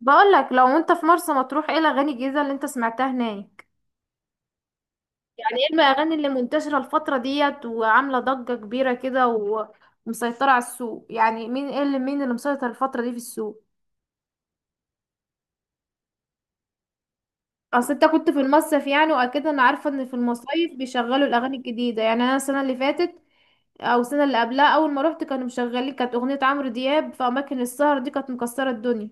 بقولك، لو انت في مرسى مطروح ايه الاغاني الجديده اللي انت سمعتها هناك؟ يعني ايه الاغاني اللي منتشره الفتره ديت وعامله ضجه كبيره كده ومسيطره على السوق؟ يعني مين، ايه اللي، مين اللي مسيطر الفتره دي في السوق؟ اصل انت كنت في المصيف يعني، واكيد انا عارفه ان في المصايف بيشغلوا الاغاني الجديده. يعني انا السنه اللي فاتت او السنه اللي قبلها اول ما روحت كانوا مشغلين، كانت اغنيه عمرو دياب في اماكن السهر دي كانت مكسره الدنيا.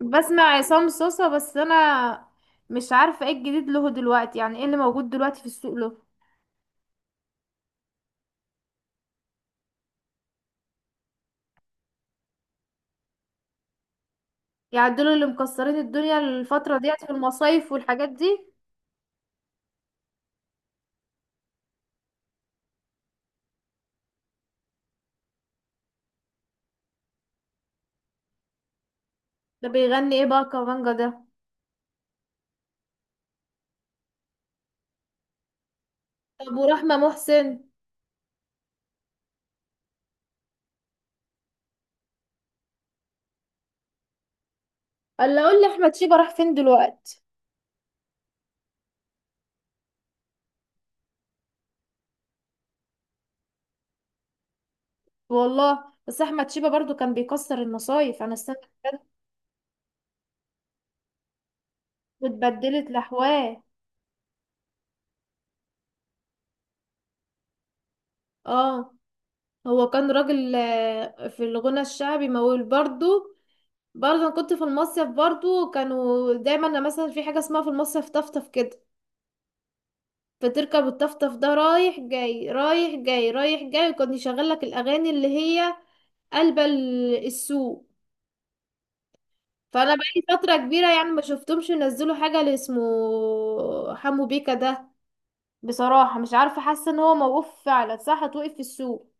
بسمع عصام صوصة، بس انا مش عارفة ايه الجديد له دلوقتي، يعني ايه اللي موجود دلوقتي في السوق له؟ يعني دول اللي مكسرين الدنيا الفترة ديت في المصايف والحاجات دي؟ ده بيغني ايه بقى كمانجا ده؟ طب ورحمة محسن؟ الا اقول لي، احمد شيبة راح فين دلوقتي؟ والله بس احمد شيبة برضو كان بيكسر المصايف، انا السنة اللي فاتت واتبدلت لحواه. اه، هو كان راجل في الغنى الشعبي مول برضو. برضه أنا كنت في المصيف، برضه كانوا دايما، أنا مثلا في حاجة اسمها في المصيف طفطف كده، فتركب الطفطف ده رايح جاي رايح جاي رايح جاي، وكان يشغل لك الأغاني اللي هي قلب السوق. فأنا بقالي فترة كبيرة يعني ما شفتهمش ينزلوا حاجة اللي اسمه حمو بيكا ده. بصراحة مش عارفة، حاسة ان هو موقوف فعلا، صح؟ توقف في السوق؟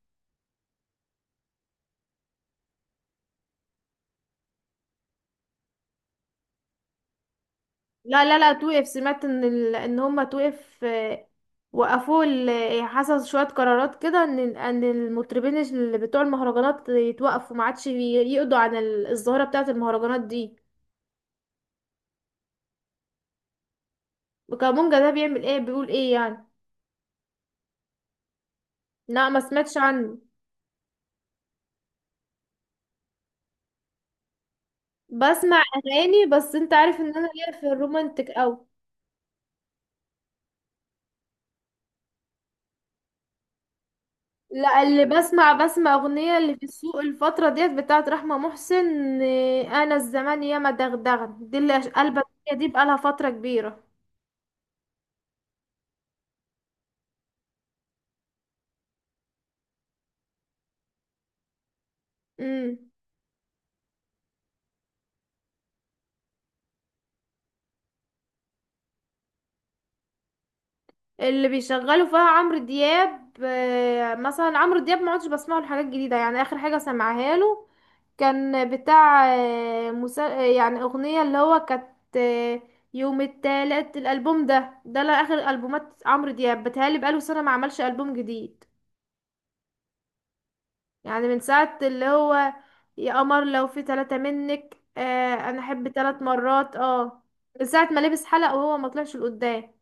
لا، لا توقف. سمعت ان ان هما توقف، وقفوا حصل شوية قرارات كده ان المطربين اللي بتوع المهرجانات يتوقفوا، ما عادش يقضوا عن الظاهرة بتاعة المهرجانات دي. وكابونجا ده بيعمل ايه، بيقول ايه يعني؟ لا ما سمعتش عنه. بسمع اغاني، بس انت عارف ان انا ليا في الرومانتك اوي. لا، اللي بسمع بسمع اغنية اللي في السوق الفترة ديت بتاعت رحمة محسن. انا الزمان ياما دغدغن دي اللي قلبت. دي بقالها فترة كبيرة. امم. اللي بيشغلوا فيها عمرو دياب، مثلا عمرو دياب ما عدتش بسمع له حاجات جديده، يعني اخر حاجه سمعها له كان بتاع آه، مسا... آه، يعني اغنيه اللي هو كانت يوم التالت الالبوم ده. لا اخر البومات عمرو دياب بتهيألي بقاله سنه ما عملش البوم جديد. يعني من ساعه اللي هو يا قمر لو في ثلاثه منك، انا احب ثلاث مرات، اه. من ساعه ما لبس حلق وهو ما طلعش لقدام.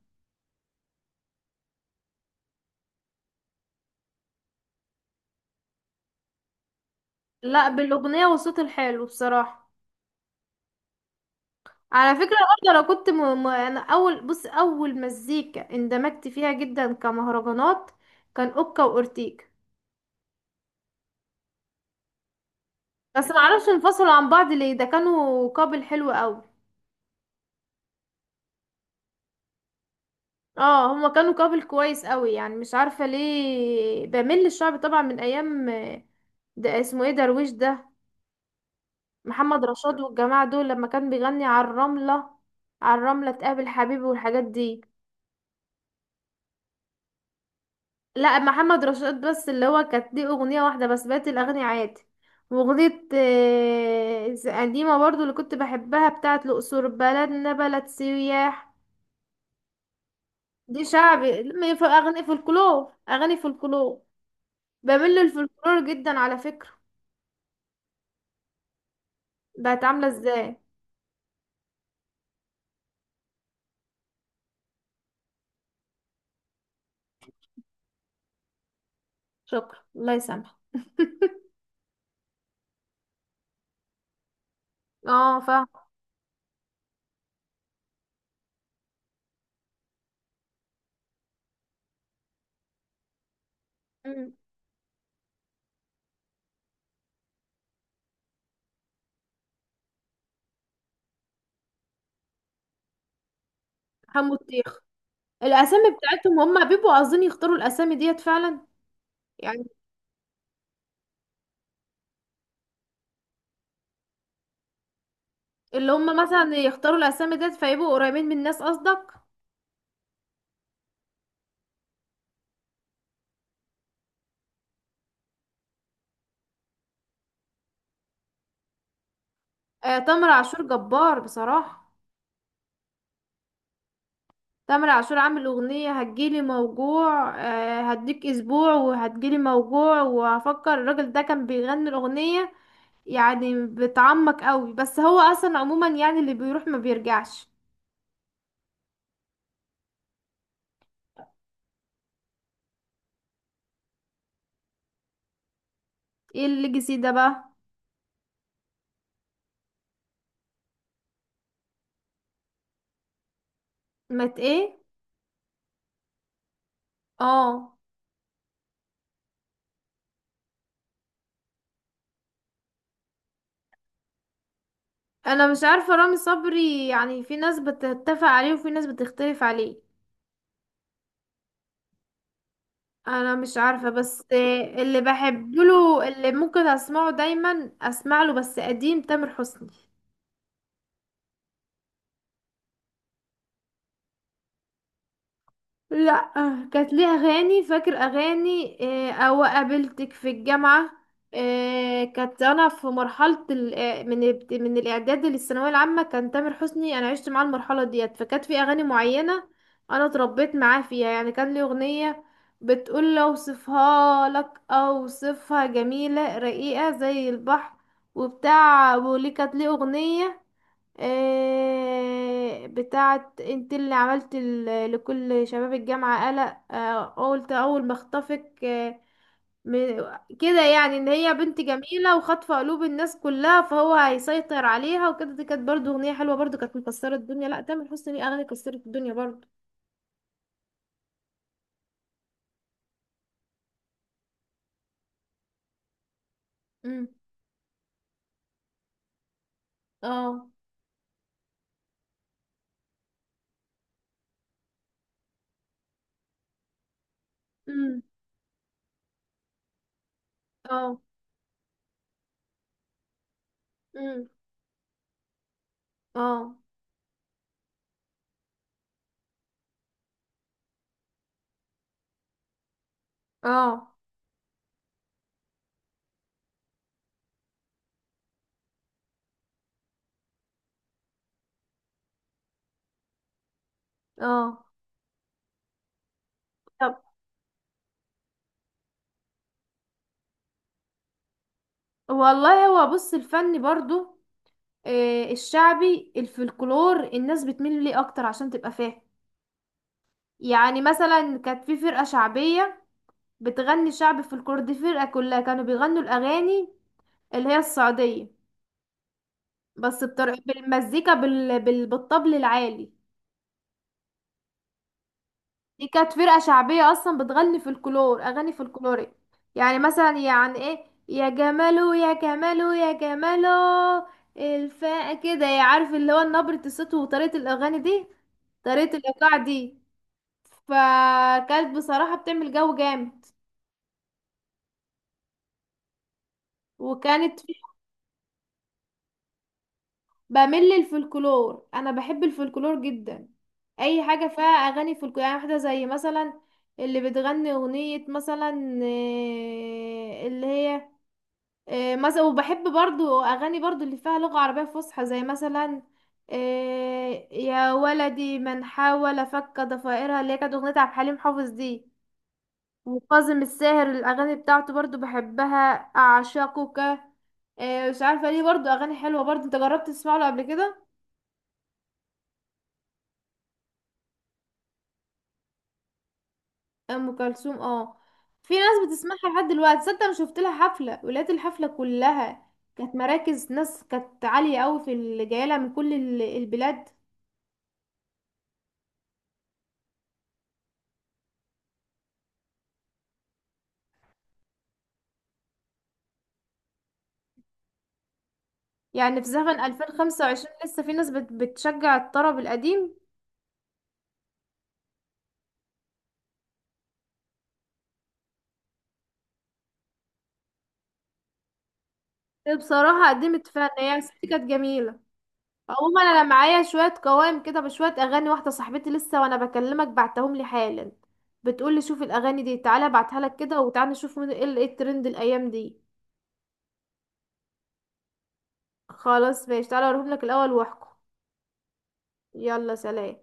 لا، بالاغنيه والصوت الحلو بصراحه. على فكرة برضه انا كنت انا اول بص اول مزيكا اندمجت فيها جدا كمهرجانات كان اوكا واورتيجا. بس معرفش انفصلوا عن بعض ليه، ده كانوا كابل حلو قوي. اه، هما كانوا كابل كويس قوي. يعني مش عارفة ليه بميل للشعب، طبعا من ايام، ده اسمه ايه درويش ده، محمد رشاد والجماعة دول لما كان بيغني على الرملة، على الرملة تقابل حبيبي والحاجات دي. لا محمد رشاد بس اللي هو كانت ليه اغنية واحدة بس، بقت الاغاني عادي. واغنية قديمة برضو اللي كنت بحبها بتاعت الاقصر بلدنا بلد سياح. دي شعبي لما في اغاني فولكلور، اغاني فولكلور. بميل للفولكلور جدا على فكرة. بقت عاملة ازاي؟ شكرا، الله يسامحك. اه فاهم. مم. حمو الطيخ. الاسامي بتاعتهم، هم بيبقوا عاوزين يختاروا الاسامي ديت فعلا يعني، اللي هم مثلا يختاروا الاسامي ديت فيبقوا قريبين من الناس قصدك؟ آه تامر عاشور جبار بصراحة. تامر عاشور عامل أغنية هتجيلي موجوع، آه هديك أسبوع وهتجيلي موجوع وهفكر الراجل ده كان بيغني الأغنية، يعني بتعمق قوي. بس هو أصلا عموما يعني اللي بيروح ما بيرجعش. ايه الليجاسي ده بقى؟ مت ايه؟ اه. انا مش عارفة رامي صبري، يعني في ناس بتتفق عليه وفي ناس بتختلف عليه. انا مش عارفه، بس اللي بحب له، اللي ممكن اسمعه دايما اسمع له بس قديم، تامر حسني. لا، كانت ليها اغاني، فاكر اغاني او قابلتك في الجامعه. كانت انا في مرحله من من الاعداد للثانويه العامه كان تامر حسني، انا عشت معاه المرحله ديت فكانت في اغاني معينه انا اتربيت معاه فيها، يعني كان لي اغنيه بتقول لو اوصفها لك اوصفها جميله رقيقه زي البحر وبتاع. وليه كانت ليه اغنيه بتاعت انت اللي عملت لكل شباب الجامعة قلق، قلت اول ما اخطفك، كده، يعني ان هي بنت جميلة وخاطفة قلوب الناس كلها فهو هيسيطر عليها وكده. دي كانت برضو اغنية حلوة، برضو كانت مكسرة الدنيا. لا تامر حسني ليه اغاني كسرت الدنيا برضو. امم. اه. امم. اه. امم. اه. اه. اه. طب، والله هو بص، الفن برضو الشعبي الفلكلور الناس بتميل ليه اكتر عشان تبقى فاهم. يعني مثلا كانت في فرقة شعبية بتغني شعب فلكلور، دي فرقة كلها كانوا بيغنوا الاغاني اللي هي السعودية، بس بطريقة بالمزيكا بالطبل العالي. دي كانت فرقة شعبية اصلا بتغني فلكلور، اغاني فلكلورية. يعني مثلا يعني ايه، يا جمالو يا جمالو يا جمالو، الفا كده، عارف اللي هو نبرة الصوت وطريقة الاغاني دي، طريقة الايقاع دي، فكانت بصراحة بتعمل جو جامد. وكانت في، بمل الفلكلور، انا بحب الفلكلور جدا. اي حاجة فيها اغاني فلكلور، يعني واحدة زي مثلا اللي بتغني اغنية مثلا اللي هي مثلا. وبحب برضو اغاني برضو اللي فيها لغة عربية فصحى زي مثلا يا ولدي من حاول فك ضفائرها اللي هي كانت اغنية عبد الحليم حافظ دي. وكاظم الساهر الأغاني بتاعته برضو بحبها، أعشقك مش عارفه ليه، برضو اغاني حلوه برضو. انت جربت تسمع له قبل كده؟ ام كلثوم، اه. في ناس بتسمعها لحد دلوقتي صدق، انا شفت لها حفله ولاد الحفله كلها كانت مراكز، ناس كانت عاليه قوي في اللي جايه لها من كل البلاد. يعني في زمن 2025 لسه في ناس بتشجع الطرب القديم. بصراحه قدمت فن، هي ست كانت جميله. عموما انا معايا شويه قوائم كده بشويه اغاني، واحده صاحبتي لسه وانا بكلمك بعتهم لي حالا، بتقول لي شوف الاغاني دي، تعالى ابعتها لك كده وتعالى نشوف ايه إيه الترند الايام دي. خلاص ماشي، تعالى اوريهم لك الاول واحكم. يلا سلام.